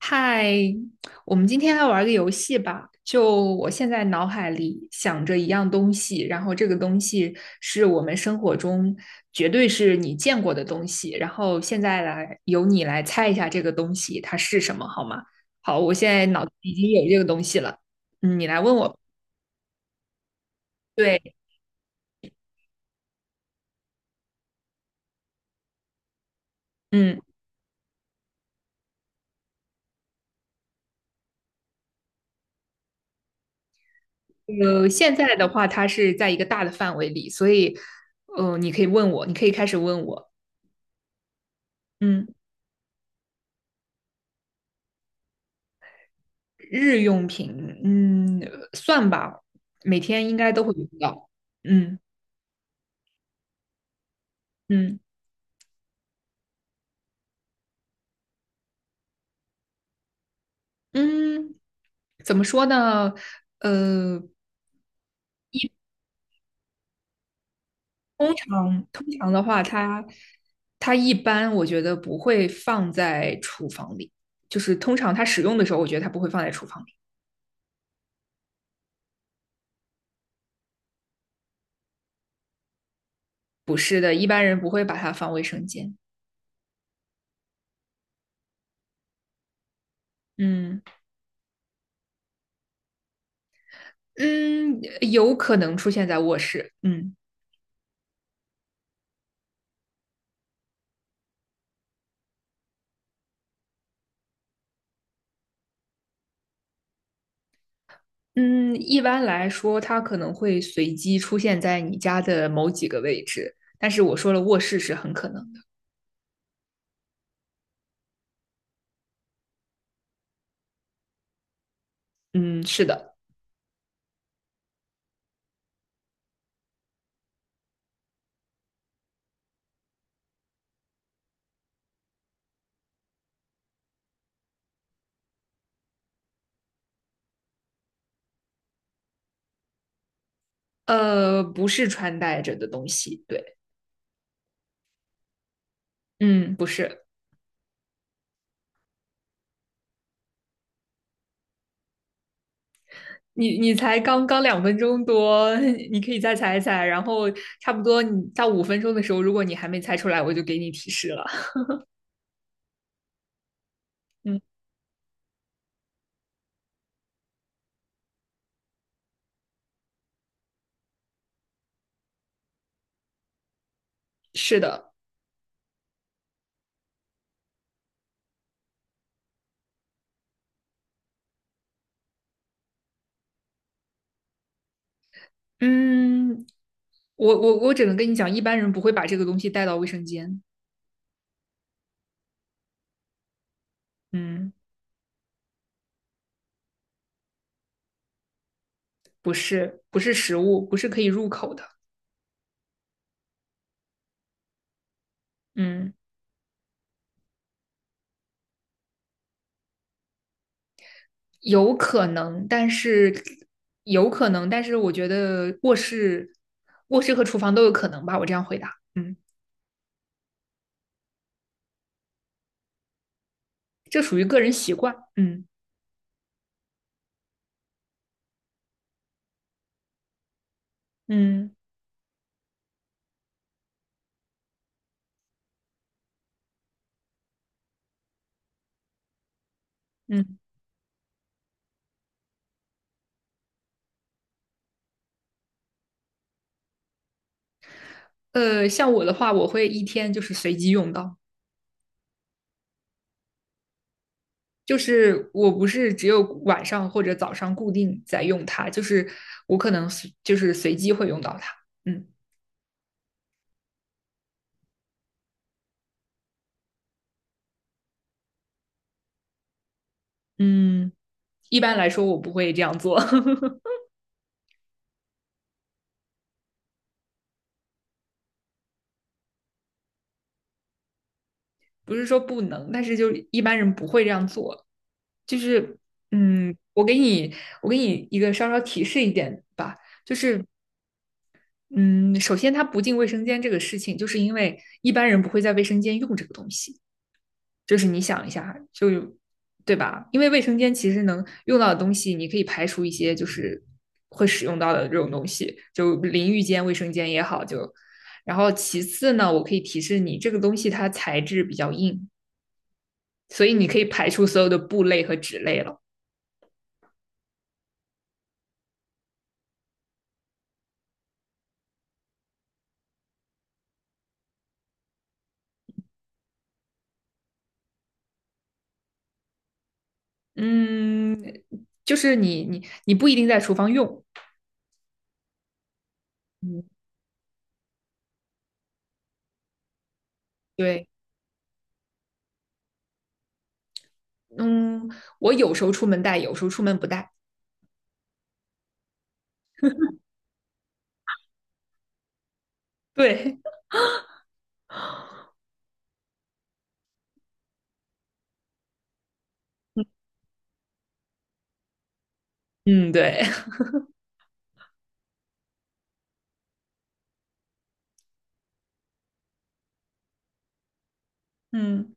嗨，我们今天来玩个游戏吧。就我现在脑海里想着一样东西，然后这个东西是我们生活中绝对是你见过的东西，然后现在来由你来猜一下这个东西它是什么，好吗？好，我现在脑子已经有这个东西了，你来问我。对，嗯，现在的话它是在一个大的范围里，所以，你可以开始问我，嗯。日用品，算吧，每天应该都会用到。嗯嗯嗯，怎么说呢？呃，通常的话，它一般我觉得不会放在厨房里，就是通常它使用的时候，我觉得它不会放在厨房里。不是的，一般人不会把它放卫生间。嗯嗯，有可能出现在卧室。嗯。嗯，一般来说，它可能会随机出现在你家的某几个位置，但是我说了，卧室是很可能的。嗯，是的，不是穿戴着的东西，对，嗯，不是。你才刚刚2分钟多，你可以再猜一猜，然后差不多你到5分钟的时候，如果你还没猜出来，我就给你提示了。嗯，是的，嗯，我只能跟你讲，一般人不会把这个东西带到卫生间。嗯，不是，不是食物，不是可以入口的。嗯，有可能，但是我觉得卧室和厨房都有可能吧。我这样回答，这属于个人习惯，嗯嗯嗯。像我的话，我会一天就是随机用到，就是我不是只有晚上或者早上固定在用它，就是我可能随就是随机会用到它。嗯嗯，一般来说我不会这样做，不是说不能，但是就一般人不会这样做。就是，嗯，我给你，我给你一个稍稍提示一点吧，就是，嗯，首先它不进卫生间这个事情，就是因为一般人不会在卫生间用这个东西，就是你想一下，就，对吧？因为卫生间其实能用到的东西，你可以排除一些就是会使用到的这种东西，就淋浴间、卫生间也好，就，然后其次呢，我可以提示你，这个东西它材质比较硬，所以你可以排除所有的布类和纸类了。嗯，就是你不一定在厨房用，嗯，对，嗯，我有时候出门带，有时候出门不带，对，嗯，对，嗯，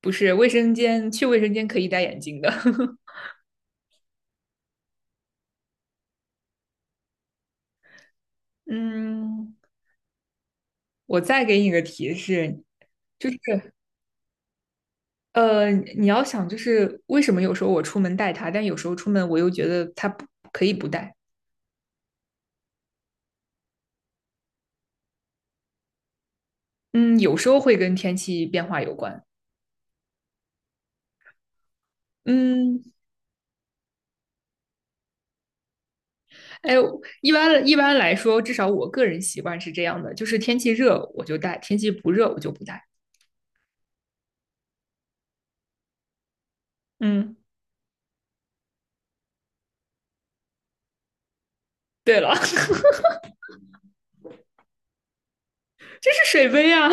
不是，卫生间去卫生间可以戴眼镜的，嗯，我再给你个提示，就是你要想就是为什么有时候我出门带它，但有时候出门我又觉得它不可以不带，嗯，有时候会跟天气变化有关，嗯，哎，一般来说，至少我个人习惯是这样的，就是天气热我就带，天气不热我就不带。嗯，对了，这是水杯啊！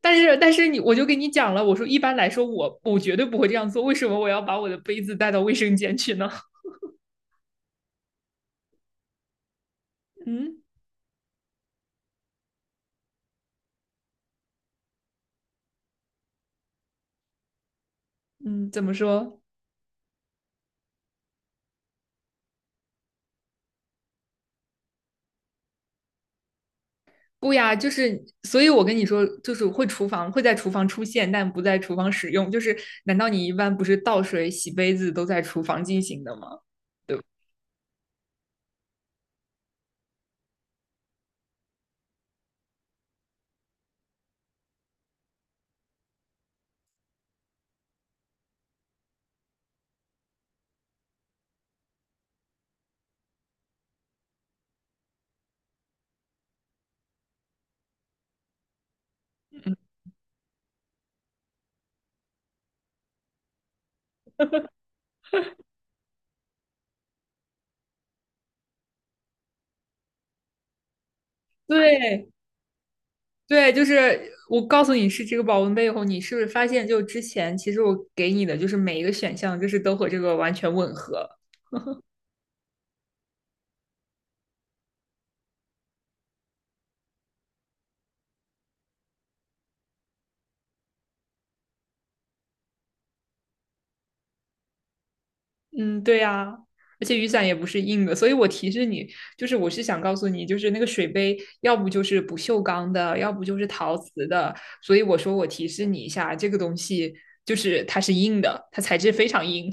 但是你，我就跟你讲了，我说一般来说我绝对不会这样做，为什么我要把我的杯子带到卫生间去呢？嗯嗯，怎么说？不呀，就是，所以我跟你说，就是会厨房会在厨房出现，但不在厨房使用。就是，难道你一般不是倒水、洗杯子都在厨房进行的吗？嗯对，对，就是我告诉你是这个保温杯以后，你是不是发现就之前其实我给你的就是每一个选项就是都和这个完全吻合？嗯，对呀、而且雨伞也不是硬的，所以我提示你，就是我是想告诉你，就是那个水杯要不就是不锈钢的，要不就是陶瓷的，所以我说我提示你一下，这个东西就是它是硬的，它材质非常硬。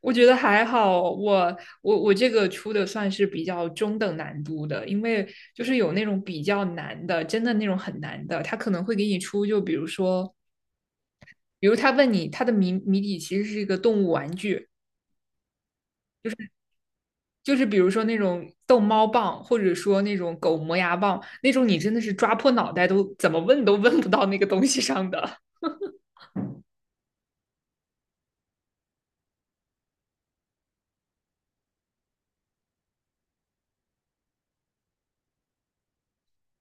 我觉得还好，我这个出的算是比较中等难度的，因为就是有那种比较难的，真的那种很难的，他可能会给你出，就比如说，比如他问你，他的谜底其实是一个动物玩具，就是比如说那种逗猫棒，或者说那种狗磨牙棒，那种你真的是抓破脑袋都怎么问都问不到那个东西上的。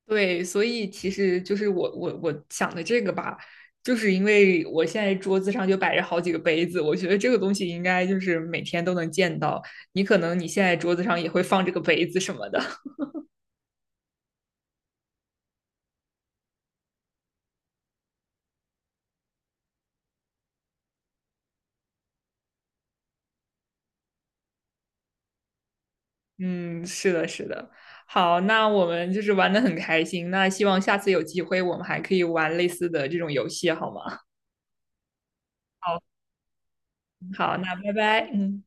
对，所以其实就是我想的这个吧，就是因为我现在桌子上就摆着好几个杯子，我觉得这个东西应该就是每天都能见到。你可能你现在桌子上也会放这个杯子什么的。嗯，是的，是的。好，那我们就是玩的很开心，那希望下次有机会我们还可以玩类似的这种游戏，好吗？好，好，那拜拜，嗯。